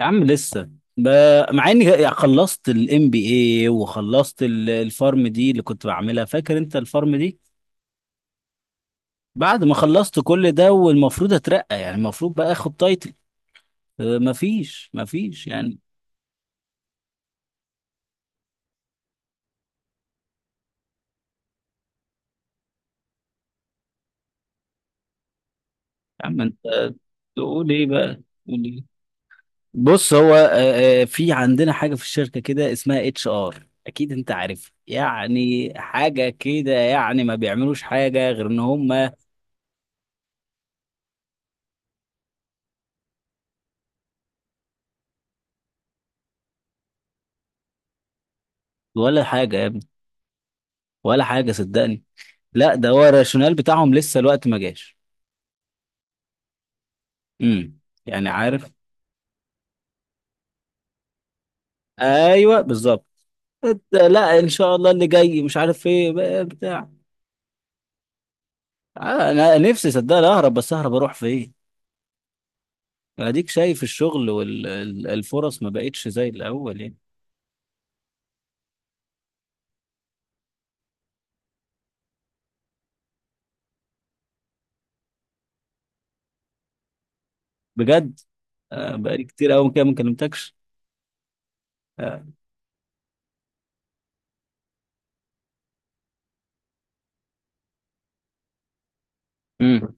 يا عم لسه مع اني يعني خلصت الام بي اي وخلصت الفارم دي اللي كنت بعملها، فاكر انت الفارم دي؟ بعد ما خلصت كل ده والمفروض اترقى، يعني المفروض بقى اخد تايتل. مفيش يعني. يا عم انت تقول ايه بقى تقول ايه؟ بص هو في عندنا حاجة في الشركة كده اسمها اتش ار، اكيد انت عارف يعني حاجة كده، يعني ما بيعملوش حاجة غير ان هم. ولا حاجة يا ابني، ولا حاجة صدقني. لا ده هو الراشونال بتاعهم، لسه الوقت ما جاش. امم يعني عارف. ايوه بالظبط. إت- لا ان شاء الله اللي جاي مش عارف ايه بقى بتاع. انا نفسي صدقني اهرب، بس اهرب اروح فين؟ اديك شايف الشغل والفرص ما بقتش زي الاول يعني. بجد؟ بقالي كتير قوي كده ما كلمتكش. آه، امم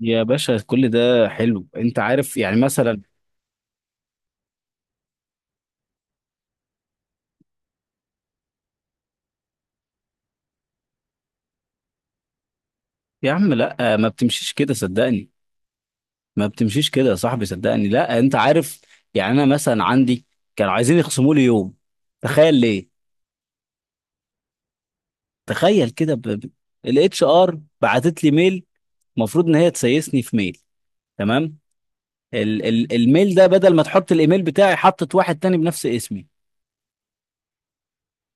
يا باشا كل ده حلو، انت عارف يعني مثلا. يا عم لا، ما بتمشيش كده صدقني. ما بتمشيش كده يا صاحبي صدقني. لا انت عارف. يعني انا مثلا عندي، كانوا عايزين يخصموا لي يوم. تخيل ليه. تخيل كده الاتش ار بعتت لي ميل، المفروض ان هي تسيسني في ميل. تمام. الميل ده بدل ما تحط الايميل بتاعي حطت واحد تاني بنفس اسمي.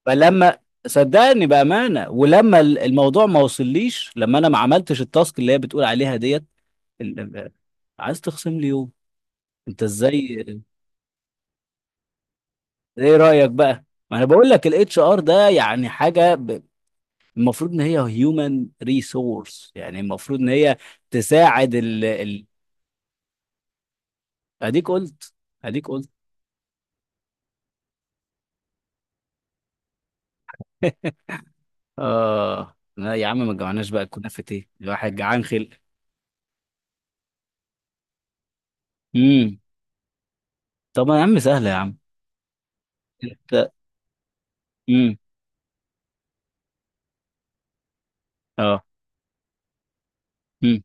فلما صدقني بامانه، ولما الموضوع ما وصليش، لما انا ما عملتش التاسك اللي هي بتقول عليها ديت. ال... عايز تخصم لي يوم؟ انت ازاي؟ ايه رأيك بقى؟ ما انا بقول لك الاتش ار ده يعني حاجة المفروض ان هي هيومن ريسورس، يعني المفروض ان هي تساعد اديك قلت. اديك قلت. اه لا يا عم، ما جمعناش بقى كنافة، ايه الواحد جعان خلق. امم طب يا عم سهلة يا عم. انت. امم اه. امم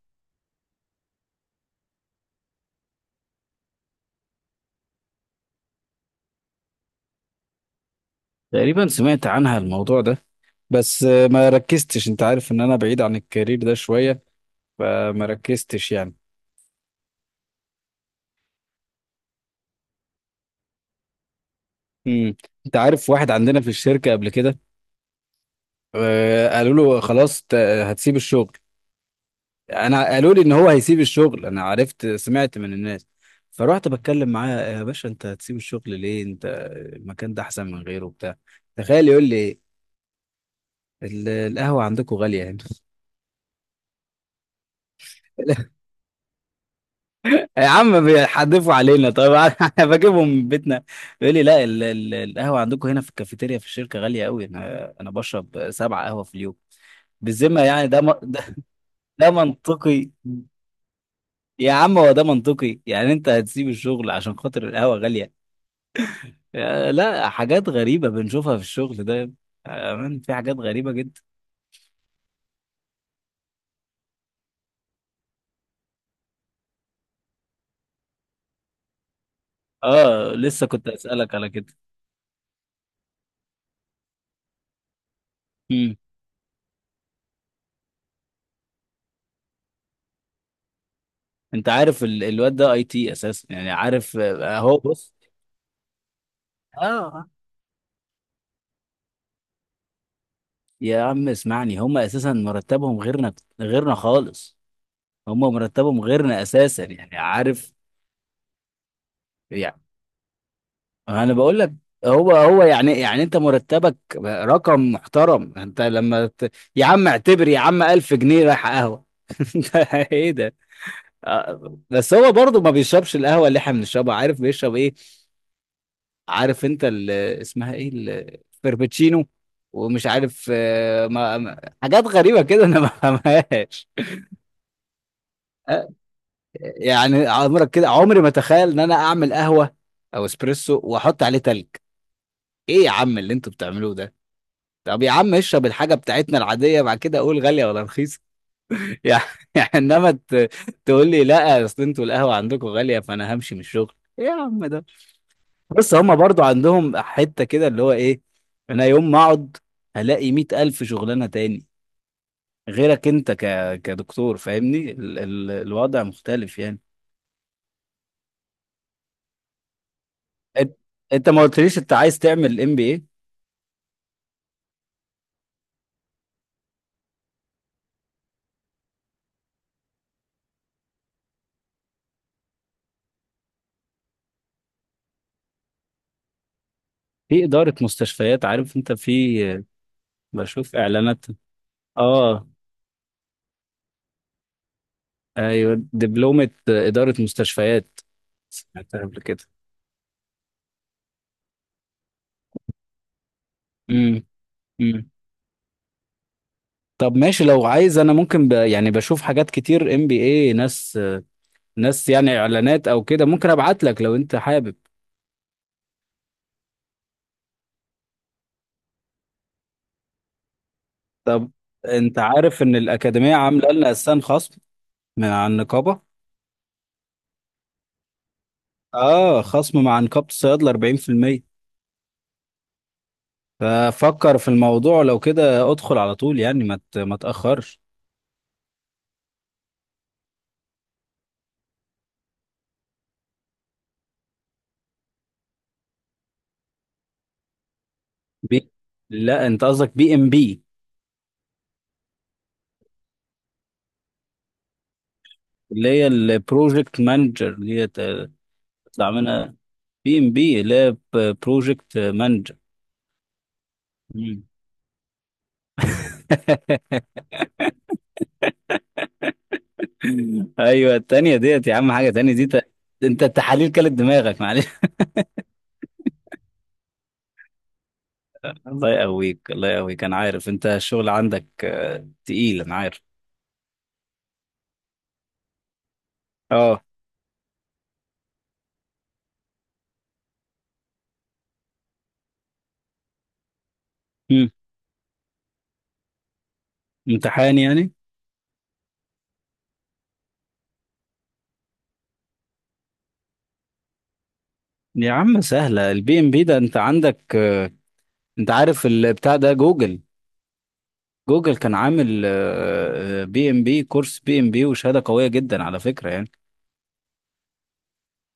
تقريبا سمعت عنها الموضوع ده، بس ما ركزتش، انت عارف ان انا بعيد عن الكارير ده. ف- يعني. امم انت عارف واحد عندنا في الشركة قبل كده، قالوا له خلاص هتسيب الشغل. انا قالوا لي ان هو هيسيب الشغل، انا عرفت سمعت من الناس. فروحت بتكلم معاه: يا باشا انت هتسيب الشغل ليه؟ انت المكان ده احسن من غيره وبتاع. تخيل يقول لي إيه؟ القهوة عندكم غالية هنا. يا عم بيحدفوا علينا طيب. انا بجيبهم من بيتنا. يقول لي لا، القهوة عندكم هنا في الكافيتيريا في الشركة غالية قوي، انا بشرب سبعة قهوة في اليوم. بالذمة يعني ده، ده منطقي؟ يا عم هو ده منطقي يعني انت هتسيب الشغل عشان خاطر القهوة غالية؟ لا حاجات غريبة بنشوفها في الشغل ده. من في حاجات غريبة جدا. اه لسه كنت اسألك على كده. مم. انت عارف الواد ده اي تي اساسا، يعني عارف. هو بص. اه يا عم اسمعني، هم اساسا مرتبهم غيرنا، غيرنا خالص. هم مرتبهم غيرنا اساسا يعني عارف. انا بقول لك هو هو يعني، يعني انت مرتبك رقم محترم. انت لما يا عم اعتبر يا عم 1000 جنيه رايح قهوه. انت ايه ده. بس هو برضه ما بيشربش القهوه اللي احنا بنشربها، عارف بيشرب ايه؟ عارف انت اسمها ايه الفربتشينو ومش عارف. حاجات غريبه كده انا ما فهمهاش. آه، يعني عمرك كده، عمري ما تخيل ان انا اعمل قهوه او اسبريسو واحط عليه تلج. ايه يا عم اللي انتوا بتعملوه ده؟ طب يا عم اشرب الحاجة بتاعتنا العادية بعد كده اقول غالية ولا رخيصة. يعني. يعني انما ت- تقول لي لا اصل انتوا القهوة عندكم غالية فانا همشي من الشغل. ايه يا عم ده. بس هما برضو عندهم حتة كده اللي هو ايه. انا يوم ما اقعد هلاقي مية الف شغلانة تاني. غيرك انت كدكتور فاهمني، الوضع مختلف يعني. انت انت ما قلتليش انت عايز تعمل ام بي ايه؟ في ادارة مستشفيات، عارف انت في، بشوف اعلانات. اه، ايوه دبلومة إدارة مستشفيات، سمعتها قبل كده. امم امم طب ماشي لو عايز انا ممكن يعني بشوف حاجات كتير ام بي اي، ناس يعني اعلانات او كده، ممكن ابعت لك لو انت حابب. طب انت عارف ان الاكاديمية عاملة لنا اساسا خصم من على النقابة. اه خصم مع نقابة الصيادلة 40%. ففكر في الموضوع لو كده ادخل على طول، يعني ما تاخرش. بي... لا انت قصدك بي ام بي اللي هي البروجكت مانجر دي؟ اطلع منها. بي ام بي اللي هي بروجكت مانجر. ايوه التانية ديت يا عم، حاجة تانية دي انت التحاليل كلت دماغك معلش. الله يقويك، الله يقويك، انا عارف انت الشغل عندك تقيل، انا عارف. اه. مم. امتحان يعني. يا عم سهلة البي ام بي ده، انت عندك انت عارف البتاع ده جوجل. جوجل كان عامل بي ام بي، كورس بي ام بي، وشهادة قوية جدا على فكرة يعني.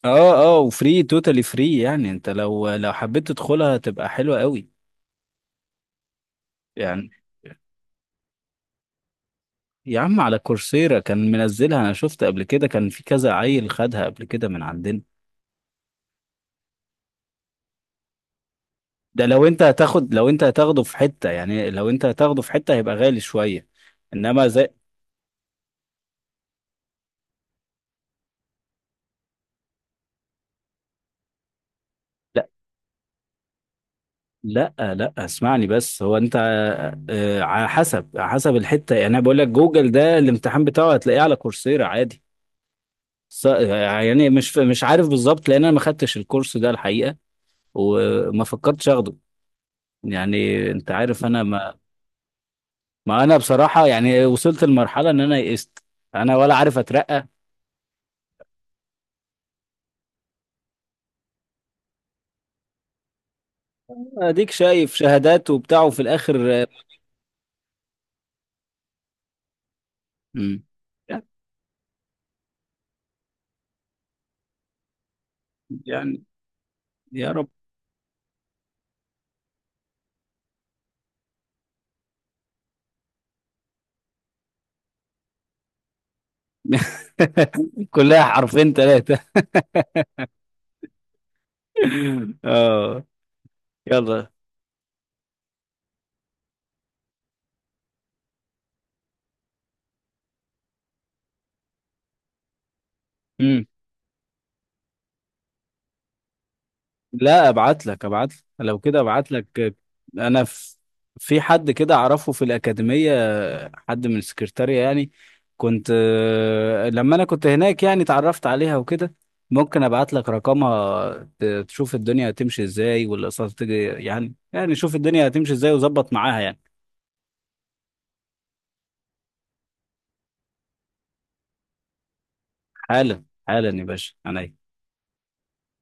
اه وفري، توتالي فري، يعني انت لو حبيت تدخلها تبقى حلوة قوي. يعني يا عم على كورسيرا كان منزلها، انا شفت قبل كده كان في كذا عيل خدها قبل كده من عندنا. ده لو انت هتاخد، لو انت هتاخده في حتة، يعني لو انت هتاخده في حتة هيبقى غالي شوية. انما زي. لا اسمعني بس هو انت على حسب، على حسب الحتة يعني. انا بقول لك جوجل ده الامتحان بتاعه هتلاقيه على كورسيرا عادي. يعني مش عارف بالظبط، لان انا ما خدتش الكورس ده الحقيقة وما فكرتش اخده. يعني انت عارف انا ما ما انا بصراحة يعني وصلت لمرحلة ان انا يئست. انا ولا عارف اترقى. اديك شايف شهادات وبتاع وفي الاخر. مم. يعني. يا رب. كلها حرفين ثلاثة. اه. يلا. مم. لا ابعت لك، ابعت لك لو كده ابعت لك. انا في، في حد كده اعرفه في الأكاديمية، حد من السكرتارية يعني. كنت لما انا كنت هناك يعني اتعرفت عليها وكده، ممكن ابعت لك رقمها. تشوف الدنيا هتمشي ازاي والاقساط تجي، يعني يعني شوف الدنيا هتمشي ازاي وظبط معاها يعني. حالا، حالا يا باشا عينيا.